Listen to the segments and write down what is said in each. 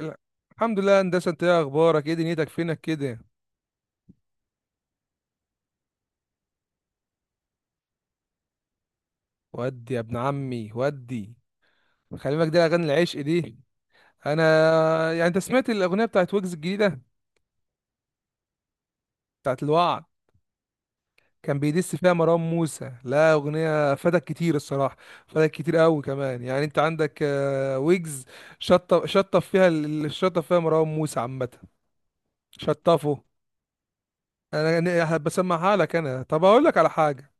لا. الحمد لله هندسه، انت ايه اخبارك؟ ايه دنيتك؟ فينك كده؟ ودي يا ابن عمي ودي. خلي بالك، دي اغاني العشق دي. انا انت سمعت الاغنيه بتاعت ويجز الجديده؟ بتاعت الوعد. كان بيدس فيها مروان موسى، لا اغنيه فادك كتير الصراحه. فادك كتير قوي كمان. يعني انت عندك ويجز. شطف فيها الشطف فيها مروان موسى عامه. شطفه. انا بسمعها لك. انا طب اقول لك على حاجه.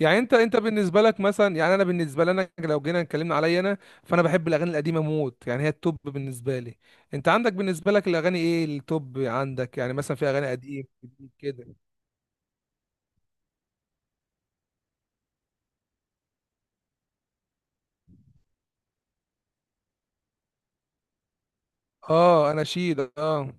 يعني انت بالنسبه لك مثلا، يعني انا بالنسبه لي، انا لو جينا اتكلمنا عليا انا، فانا بحب الاغاني القديمه موت، يعني هي التوب بالنسبه لي. انت عندك بالنسبه لك الاغاني ايه التوب عندك؟ يعني مثلا في اغاني قديم جديد كده. اه انا شيد اه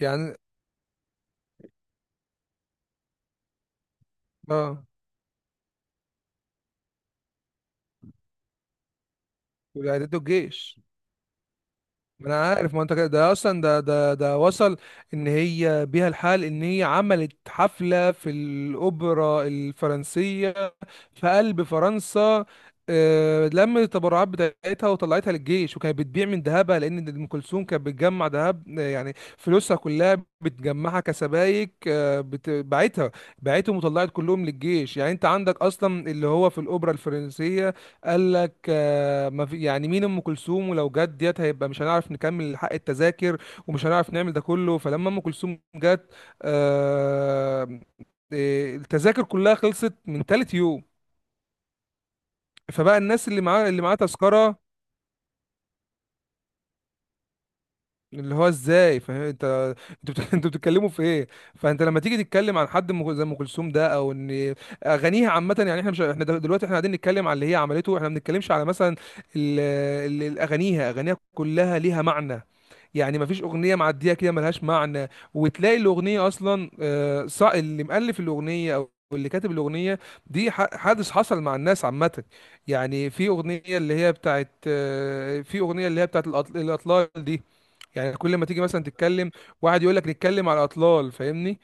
يعني. اه والاعداد والجيش. ما انا عارف، ما انت كده، ده اصلا ده وصل ان هي بيها الحال ان هي عملت حفله في الاوبرا الفرنسيه، في قلب فرنسا. لمت التبرعات بتاعتها وطلعتها للجيش، وكانت بتبيع من ذهبها، لان ام كلثوم كانت بتجمع ذهب يعني فلوسها كلها بتجمعها كسبايك، باعتها. باعتهم وطلعت كلهم للجيش. يعني انت عندك اصلا اللي هو في الاوبرا الفرنسيه قال لك ما في يعني مين ام كلثوم، ولو جت ديت هيبقى مش هنعرف نكمل حق التذاكر ومش هنعرف نعمل ده كله. فلما ام كلثوم جت، آه، التذاكر كلها خلصت من تالت يوم. فبقى الناس اللي معاه تذكره اللي هو ازاي، فاهم انت؟ انتوا بتتكلموا في ايه؟ فانت لما تيجي تتكلم عن زي ام كلثوم ده، او ان اغانيها عامه، يعني احنا مش احنا دلوقتي احنا قاعدين نتكلم على اللي هي عملته، احنا ما بنتكلمش على مثلا ال- ال- الاغانيها اغانيها كلها ليها معنى، يعني ما فيش اغنيه معديه كده ملهاش معنى. وتلاقي الاغنيه اصلا اللي مؤلف الاغنيه او اللي كاتب الاغنيه دي حادث حصل مع الناس عامه. يعني في اغنيه اللي هي بتاعت آه، في اغنيه اللي هي بتاعت الاطلال دي، يعني كل ما تيجي مثلا تتكلم، واحد يقول لك نتكلم على الاطلال، فاهمني؟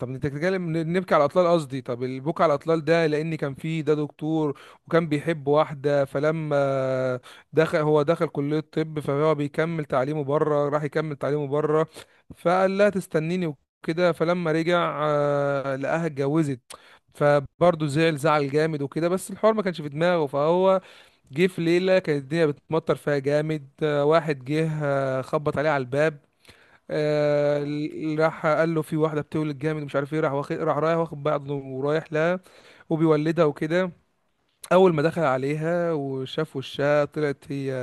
طب انت بتتكلم، نبكي على الاطلال، قصدي طب البكا على الاطلال ده، لان كان فيه ده دكتور وكان بيحب واحده. فلما دخل، هو دخل كليه الطب، فهو بيكمل تعليمه بره، راح يكمل تعليمه بره، فقال لها تستنيني وكده. فلما رجع، لقاها اتجوزت. فبرضه زعل، زعل جامد وكده، بس الحوار ما كانش في دماغه. فهو جه في ليلة كانت الدنيا بتمطر فيها جامد، واحد جه خبط عليه على الباب، راح قال له في واحدة بتولد جامد مش عارف ايه، راح واخد، راح رايح واخد بعضه ورايح لها، وبيولدها وكده. أول ما دخل عليها وشاف وشها، طلعت هي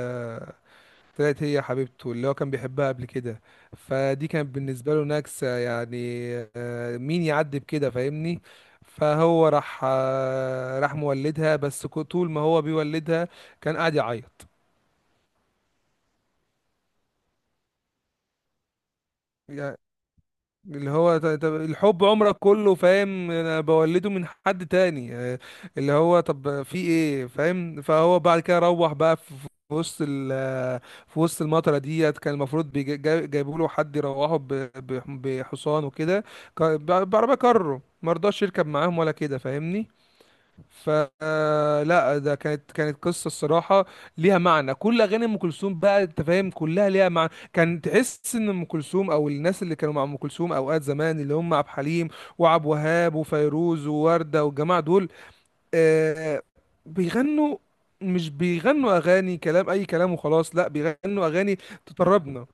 طلعت هي حبيبته اللي هو كان بيحبها قبل كده. فدي كانت بالنسبة له نكسة يعني، مين يعدي بكده، فاهمني؟ فهو راح، راح مولدها، بس طول ما هو بيولدها كان قاعد يعيط. اللي هو طب الحب عمرك كله، فاهم؟ انا بولده من حد تاني اللي هو طب في ايه، فاهم؟ فهو بعد كده روح بقى في وسط ال في وسط المطره ديت. كان المفروض جايبوا له حد يروحه بحصان وكده، بعربيه كارو، مرضاش يركب معاهم ولا كده، فاهمني؟ فلا ده كانت كانت قصه الصراحه ليها معنى. كل اغاني ام كلثوم بقى، انت فاهم، كلها ليها معنى. كان تحس ان ام كلثوم او الناس اللي كانوا مع ام كلثوم اوقات زمان، اللي هم عبد الحليم وعبد الوهاب وفيروز ووردة والجماعه دول، آه، بيغنوا، مش بيغنوا اغاني كلام اي كلام وخلاص، لا بيغنوا اغاني تطربنا.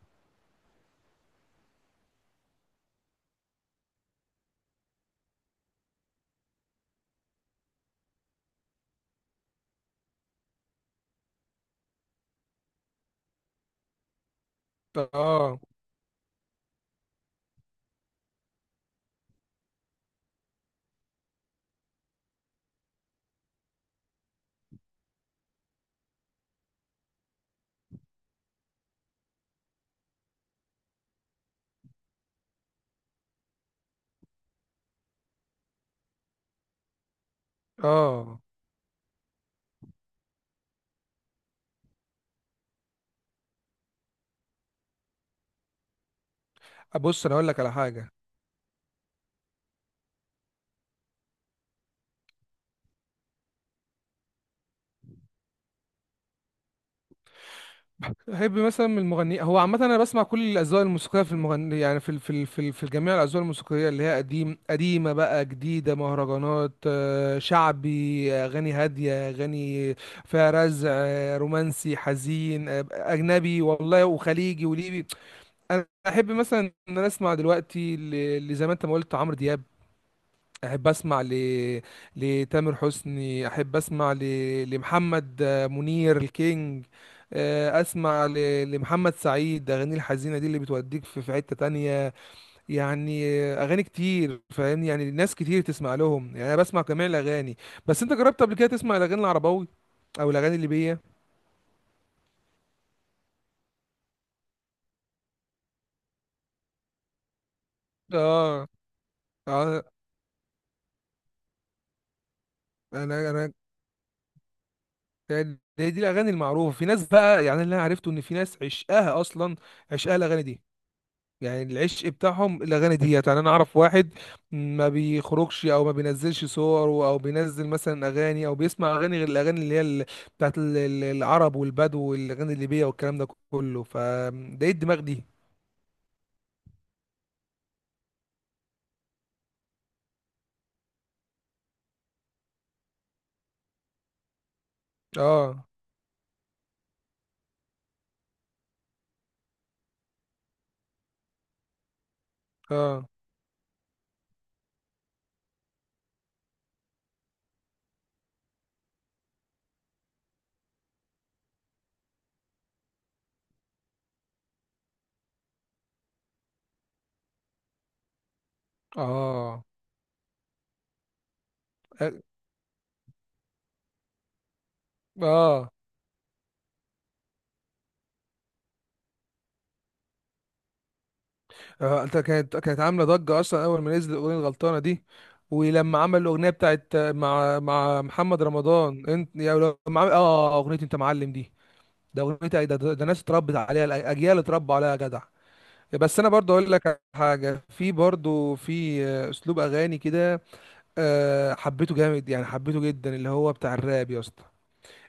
اه. اه. بص انا اقول لك على حاجه. بحب مثلا من المغني هو عامة، أنا بسمع كل الأذواق الموسيقية في المغني، يعني في ال- في ال- في ال- في جميع الأذواق الموسيقية، اللي هي قديم، قديمة بقى، جديدة، مهرجانات، شعبي، أغاني هادية، أغاني فيها رزع، رومانسي، حزين، أجنبي والله، وخليجي وليبي. أنا أحب مثلا إن أنا أسمع دلوقتي اللي زي ما أنت ما قلت، عمرو دياب. احب اسمع ل... لتامر حسني. احب اسمع ل... لمحمد منير الكينج. اسمع ل... لمحمد سعيد، اغاني الحزينه دي اللي بتوديك في حته تانية يعني. اغاني كتير، فاهمني؟ يعني ناس كتير تسمع لهم. يعني انا بسمع جميع الاغاني، بس انت جربت قبل كده تسمع الاغاني العربوي او الاغاني الليبيه؟ اه. اه. انا دي دي الاغاني المعروفه في ناس بقى. يعني اللي انا عرفته ان في ناس عشقاها اصلا، عشقاها الاغاني دي. يعني العشق بتاعهم الاغاني ديت. يعني انا اعرف واحد ما بيخرجش او ما بينزلش صور، او بينزل مثلا اغاني، او بيسمع اغاني غير الاغاني اللي هي بتاعت العرب والبدو والاغاني الليبيه والكلام ده كله، فده ايه الدماغ دي؟ اه. اه. اه. اه. آه. انت كانت كانت عامله ضجه اصلا اول ما نزل الاغنيه الغلطانه دي. ولما عمل الاغنيه بتاعت مع مع محمد رمضان انت يا... لما عمل اه اغنيه انت معلم دي، ده اغنيه ايه ده ناس اتربت عليها اجيال اتربوا عليها يا جدع. بس انا برضه اقول لك على حاجه، في برضه اسلوب اغاني كده حبيته جامد، يعني حبيته جدا، اللي هو بتاع الراب يا اسطى.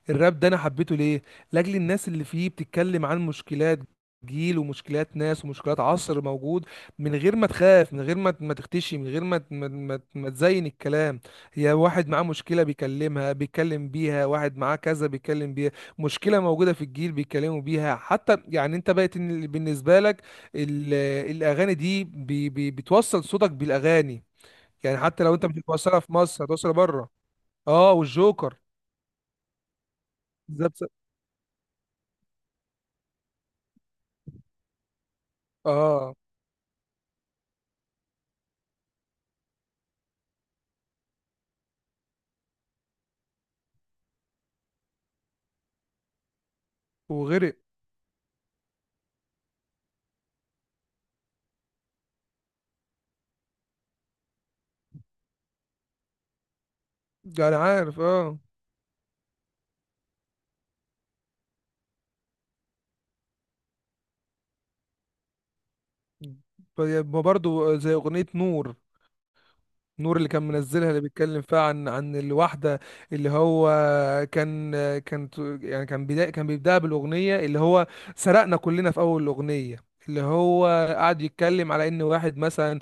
الراب ده انا حبيته ليه؟ لاجل الناس اللي فيه بتتكلم عن مشكلات جيل، ومشكلات ناس، ومشكلات عصر موجود، من غير ما تخاف، من غير ما تختشي، من غير ما تزين الكلام. هي واحد معاه مشكلة بيكلمها، بيتكلم بيها، واحد معاه كذا بيتكلم بيها. مشكلة موجودة في الجيل بيتكلموا بيها، حتى يعني انت بقت إن بالنسبة لك ال- الاغاني دي بي بي بتوصل صوتك بالاغاني. يعني حتى لو انت مش بتوصلها في مصر هتوصلها بره. اه والجوكر. ده بس- اه. وغرق. انا عارف اه. ما برضو زي اغنية نور. نور اللي كان منزلها، اللي بيتكلم فيها عن الواحدة اللي هو كان يعني كان بدا، كان بيبدأها بالأغنية اللي هو سرقنا كلنا في أول الأغنية، اللي هو قعد يتكلم على إن واحد مثلا،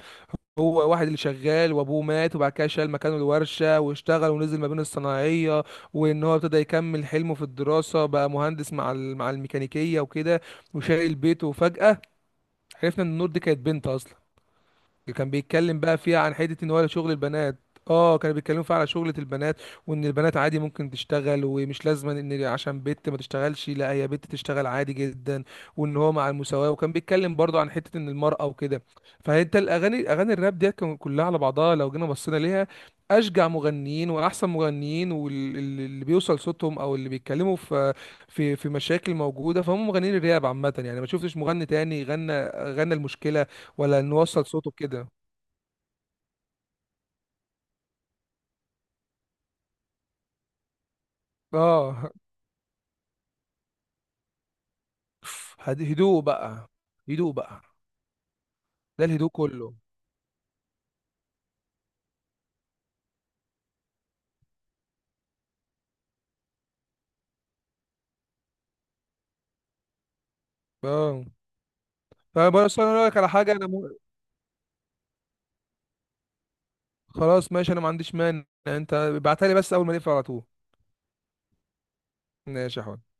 هو واحد اللي شغال وأبوه مات، وبعد كده شال مكانه الورشة واشتغل ونزل ما بين الصناعية، وإن هو ابتدى يكمل حلمه في الدراسة، بقى مهندس مع الميكانيكية وكده، وشايل بيته، وفجأة عرفنا ان النور دي كانت بنت اصلا. كان بيتكلم بقى فيها عن حته ان هو شغل البنات. اه كانوا بيتكلموا فيها على شغلة البنات، وان البنات عادي ممكن تشتغل، ومش لازم ان عشان بنت ما تشتغلش، لا هي بنت تشتغل عادي جدا، وان هو مع المساواة، وكان بيتكلم برضه عن حتة ان المرأة وكده. فانت الاغاني، اغاني الراب دي، كان كلها على بعضها لو جينا بصينا ليها، اشجع مغنيين واحسن مغنيين واللي بيوصل صوتهم، او اللي بيتكلموا في مشاكل موجودة، فهم مغنيين الراب عامة. يعني ما شفتش مغني تاني غنى، غنى المشكلة ولا نوصل صوته كده. اه. هدوء بقى، هدوء بقى. ده الهدوء كله. اه. فبس انا اقول لك على حاجه، انا مو... خلاص ماشي، انا ما عنديش مانع، انت ابعتها لي بس اول ما نقفل على طول. ماشي يا حبيبي.